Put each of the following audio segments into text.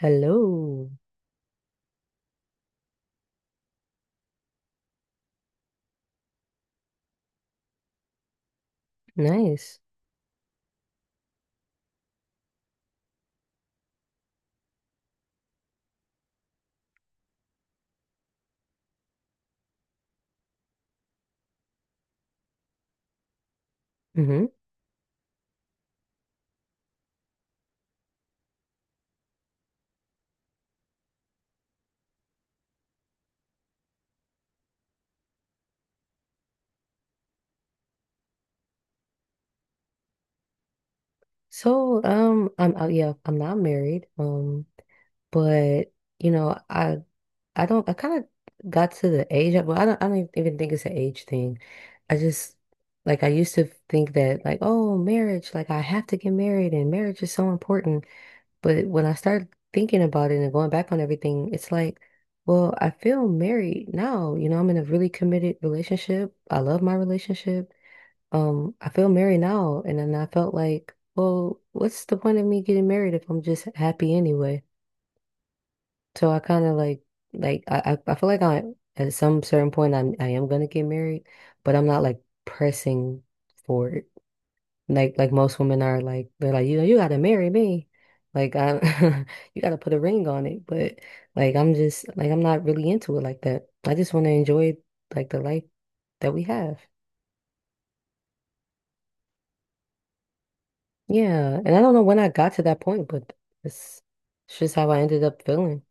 Hello. Nice. Hmm. So, I'm yeah, I'm not married. But you know, I don't I kind of got to the age. Well, I don't even think it's an age thing. I just like I used to think that like, oh, marriage, like, I have to get married and marriage is so important. But when I started thinking about it and going back on everything, it's like, well, I feel married now. You know, I'm in a really committed relationship. I love my relationship. I feel married now, and then I felt like, well, what's the point of me getting married if I'm just happy anyway? So I kind of like I feel like I at some certain point I am gonna get married, but I'm not like pressing for it. Like most women are like they're like, you know, you gotta marry me, like I you gotta put a ring on it. But like I'm just like I'm not really into it like that. I just want to enjoy like the life that we have. Yeah. And I don't know when I got to that point, but it's it's just how I ended up feeling.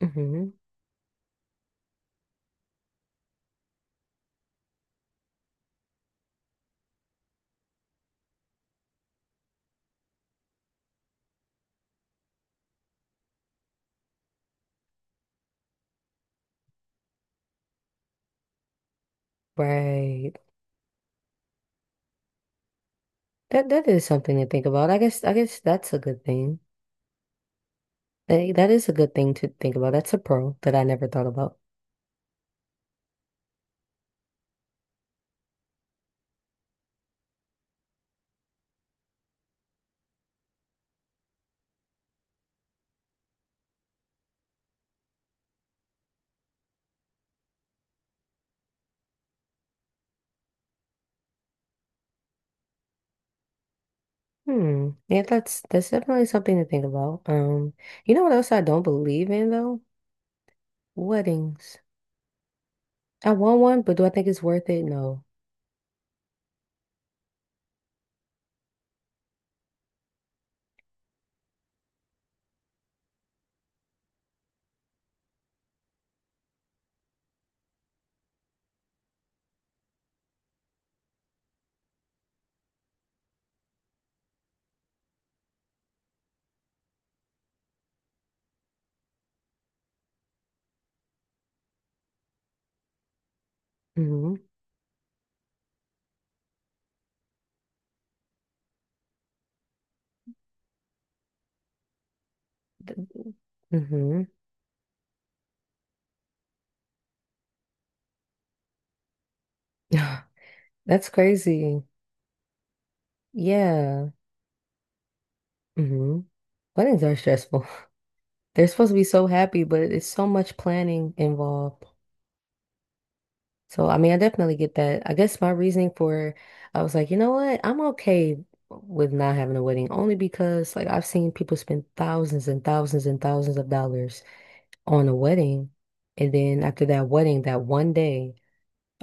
Hmm. Right. That is something to think about. I guess that's a good thing. That is a good thing to think about. That's a pro that I never thought about. Hmm. Yeah, that's definitely something to think about. You know what else I don't believe in though? Weddings. I want one, but do I think it's worth it? No. Hmm. Mm-hmm. That's crazy. Yeah. Mm-hmm. Weddings are stressful. They're supposed to be so happy, but it's so much planning involved. So, I mean, I definitely get that. I guess my reasoning for, I was like, you know what? I'm okay with not having a wedding only because like I've seen people spend thousands and thousands and thousands of dollars on a wedding. And then after that wedding, that one day,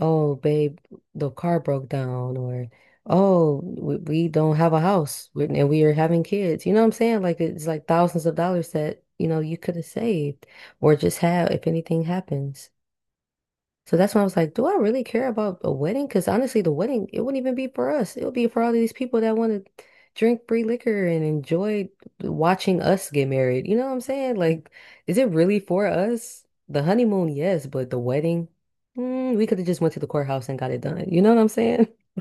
oh, babe, the car broke down, or oh, we don't have a house and we are having kids. You know what I'm saying? Like, it's like thousands of dollars that, you know, you could have saved or just have if anything happens. So that's when I was like, do I really care about a wedding? Because honestly, the wedding, it wouldn't even be for us. It would be for all of these people that want to drink free liquor and enjoy watching us get married. You know what I'm saying? Like, is it really for us? The honeymoon, yes, but the wedding, we could have just went to the courthouse and got it done. You know what I'm saying?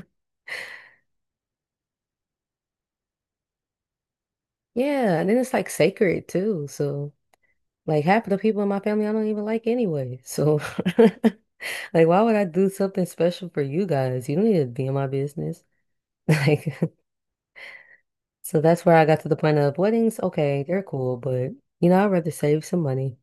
Yeah, and then it's like sacred too. So, like half of the people in my family I don't even like anyway. So, like, why would I do something special for you guys? You don't need to be in my business. Like, so that's where I got to the point of weddings. Okay, they're cool, but you know, I'd rather save some money.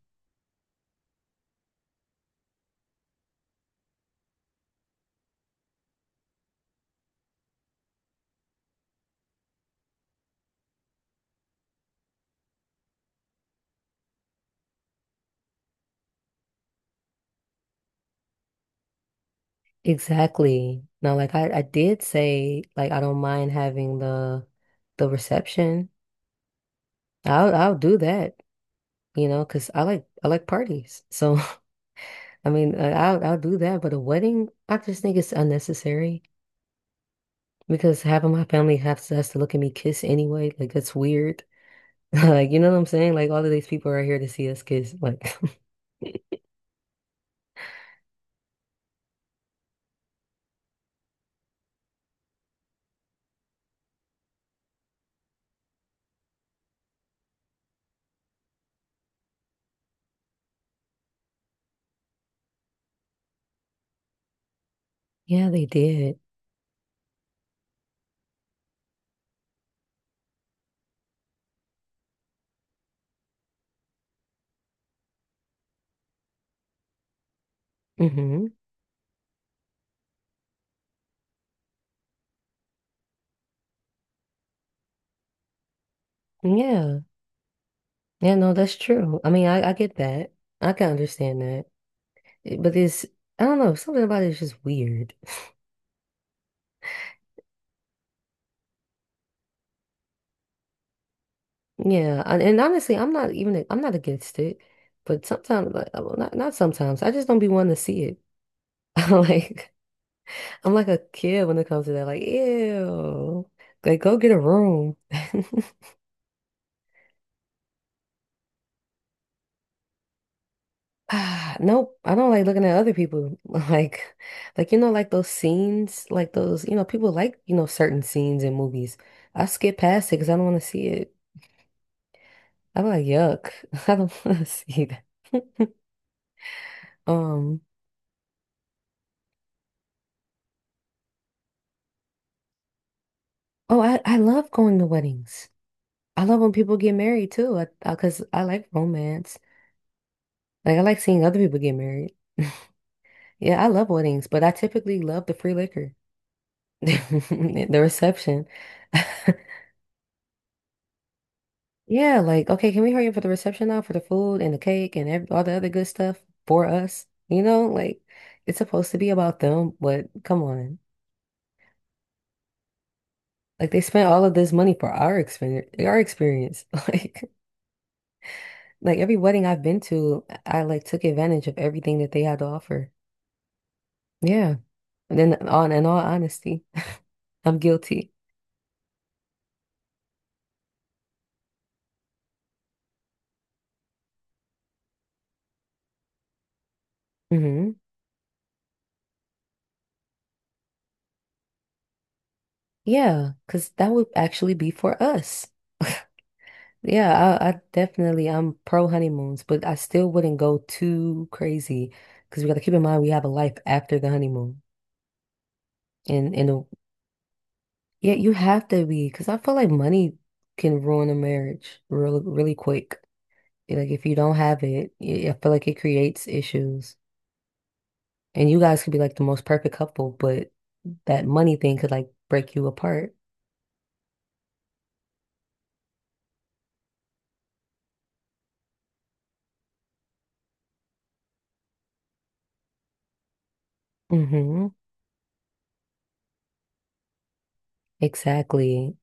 Exactly. Now, like I did say, like I don't mind having the reception. I'll do that, you know, because I like parties. So I mean, I'll do that. But a wedding, I just think it's unnecessary because half of my family has to look at me kiss anyway. Like that's weird. Like, you know what I'm saying? Like all of these people are here to see us kiss. Like Yeah, they did. Hmm. Yeah. Yeah, no, that's true. I mean, I get that. I can understand that. But it's, I don't know, something about it is just weird. Yeah, and honestly, I'm not even, I'm not against it. But sometimes, like, well, not not sometimes, I just don't be wanting to see it. Like, I'm like a kid when it comes to that. Like, ew. Like, go get a room. Ah, nope. I don't like looking at other people. Like you know, like those scenes, like those, you know, people like, you know, certain scenes in movies. I skip past it because I don't want to see it. I'm like, yuck. I don't want to see that. Um, oh, I love going to weddings. I love when people get married too. Cause I like romance. Like, I like seeing other people get married. Yeah, I love weddings, but I typically love the free liquor. The reception. Yeah, like, okay, can we hurry up for the reception now for the food and the cake and ev all the other good stuff for us? You know, like it's supposed to be about them, but come on. Like they spent all of this money for our experience, our experience. Like every wedding I've been to, I like took advantage of everything that they had to offer. Yeah. And then on in all honesty, I'm guilty. Hmm. Yeah, because that would actually be for us. Yeah, I'm pro honeymoons, but I still wouldn't go too crazy because we got to keep in mind we have a life after the honeymoon, and yeah, you have to be because I feel like money can ruin a marriage really quick. Like, if you don't have it, I feel like it creates issues, and you guys could be like the most perfect couple, but that money thing could like break you apart. Mm-hmm. Exactly.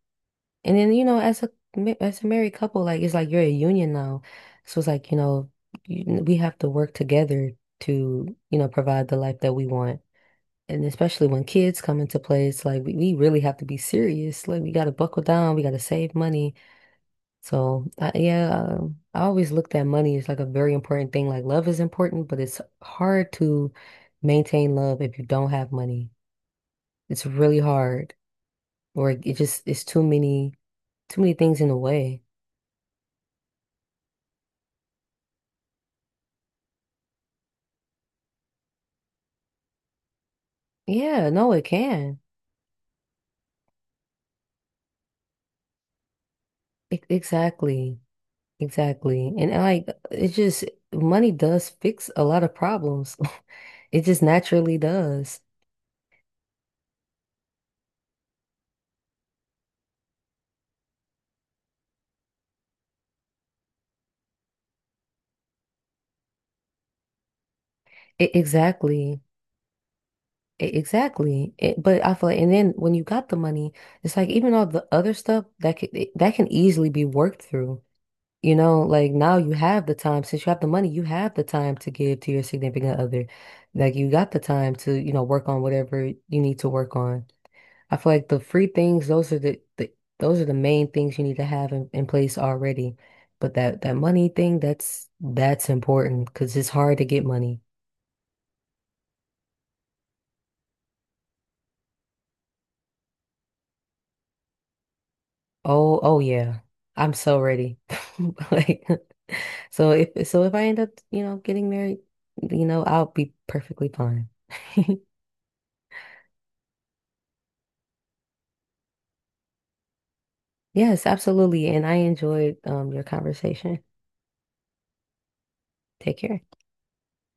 And then, you know, as as a married couple, like it's like you're a union now. So it's like, you know, we have to work together to, you know, provide the life that we want. And especially when kids come into play, it's like we really have to be serious. Like, we gotta buckle down, we gotta save money. So yeah, I always looked at money as like a very important thing. Like love is important, but it's hard to maintain love if you don't have money. It's really hard, or it's too many things in the way. Yeah, no, it can. Exactly. Exactly. And like it's just money does fix a lot of problems. It just naturally does. Exactly. Exactly. But I feel like, and then when you got the money, it's like even all the other stuff that can easily be worked through. You know, like now you have the time, since you have the money, you have the time to give to your significant other. Like, you got the time to, you know, work on whatever you need to work on. I feel like the free things, those are the main things you need to have in place already. But that money thing, that's important because it's hard to get money. Oh, yeah. I'm so ready. Like so if I end up, you know, getting married, you know, I'll be perfectly fine. Yes, absolutely. And I enjoyed your conversation. Take care.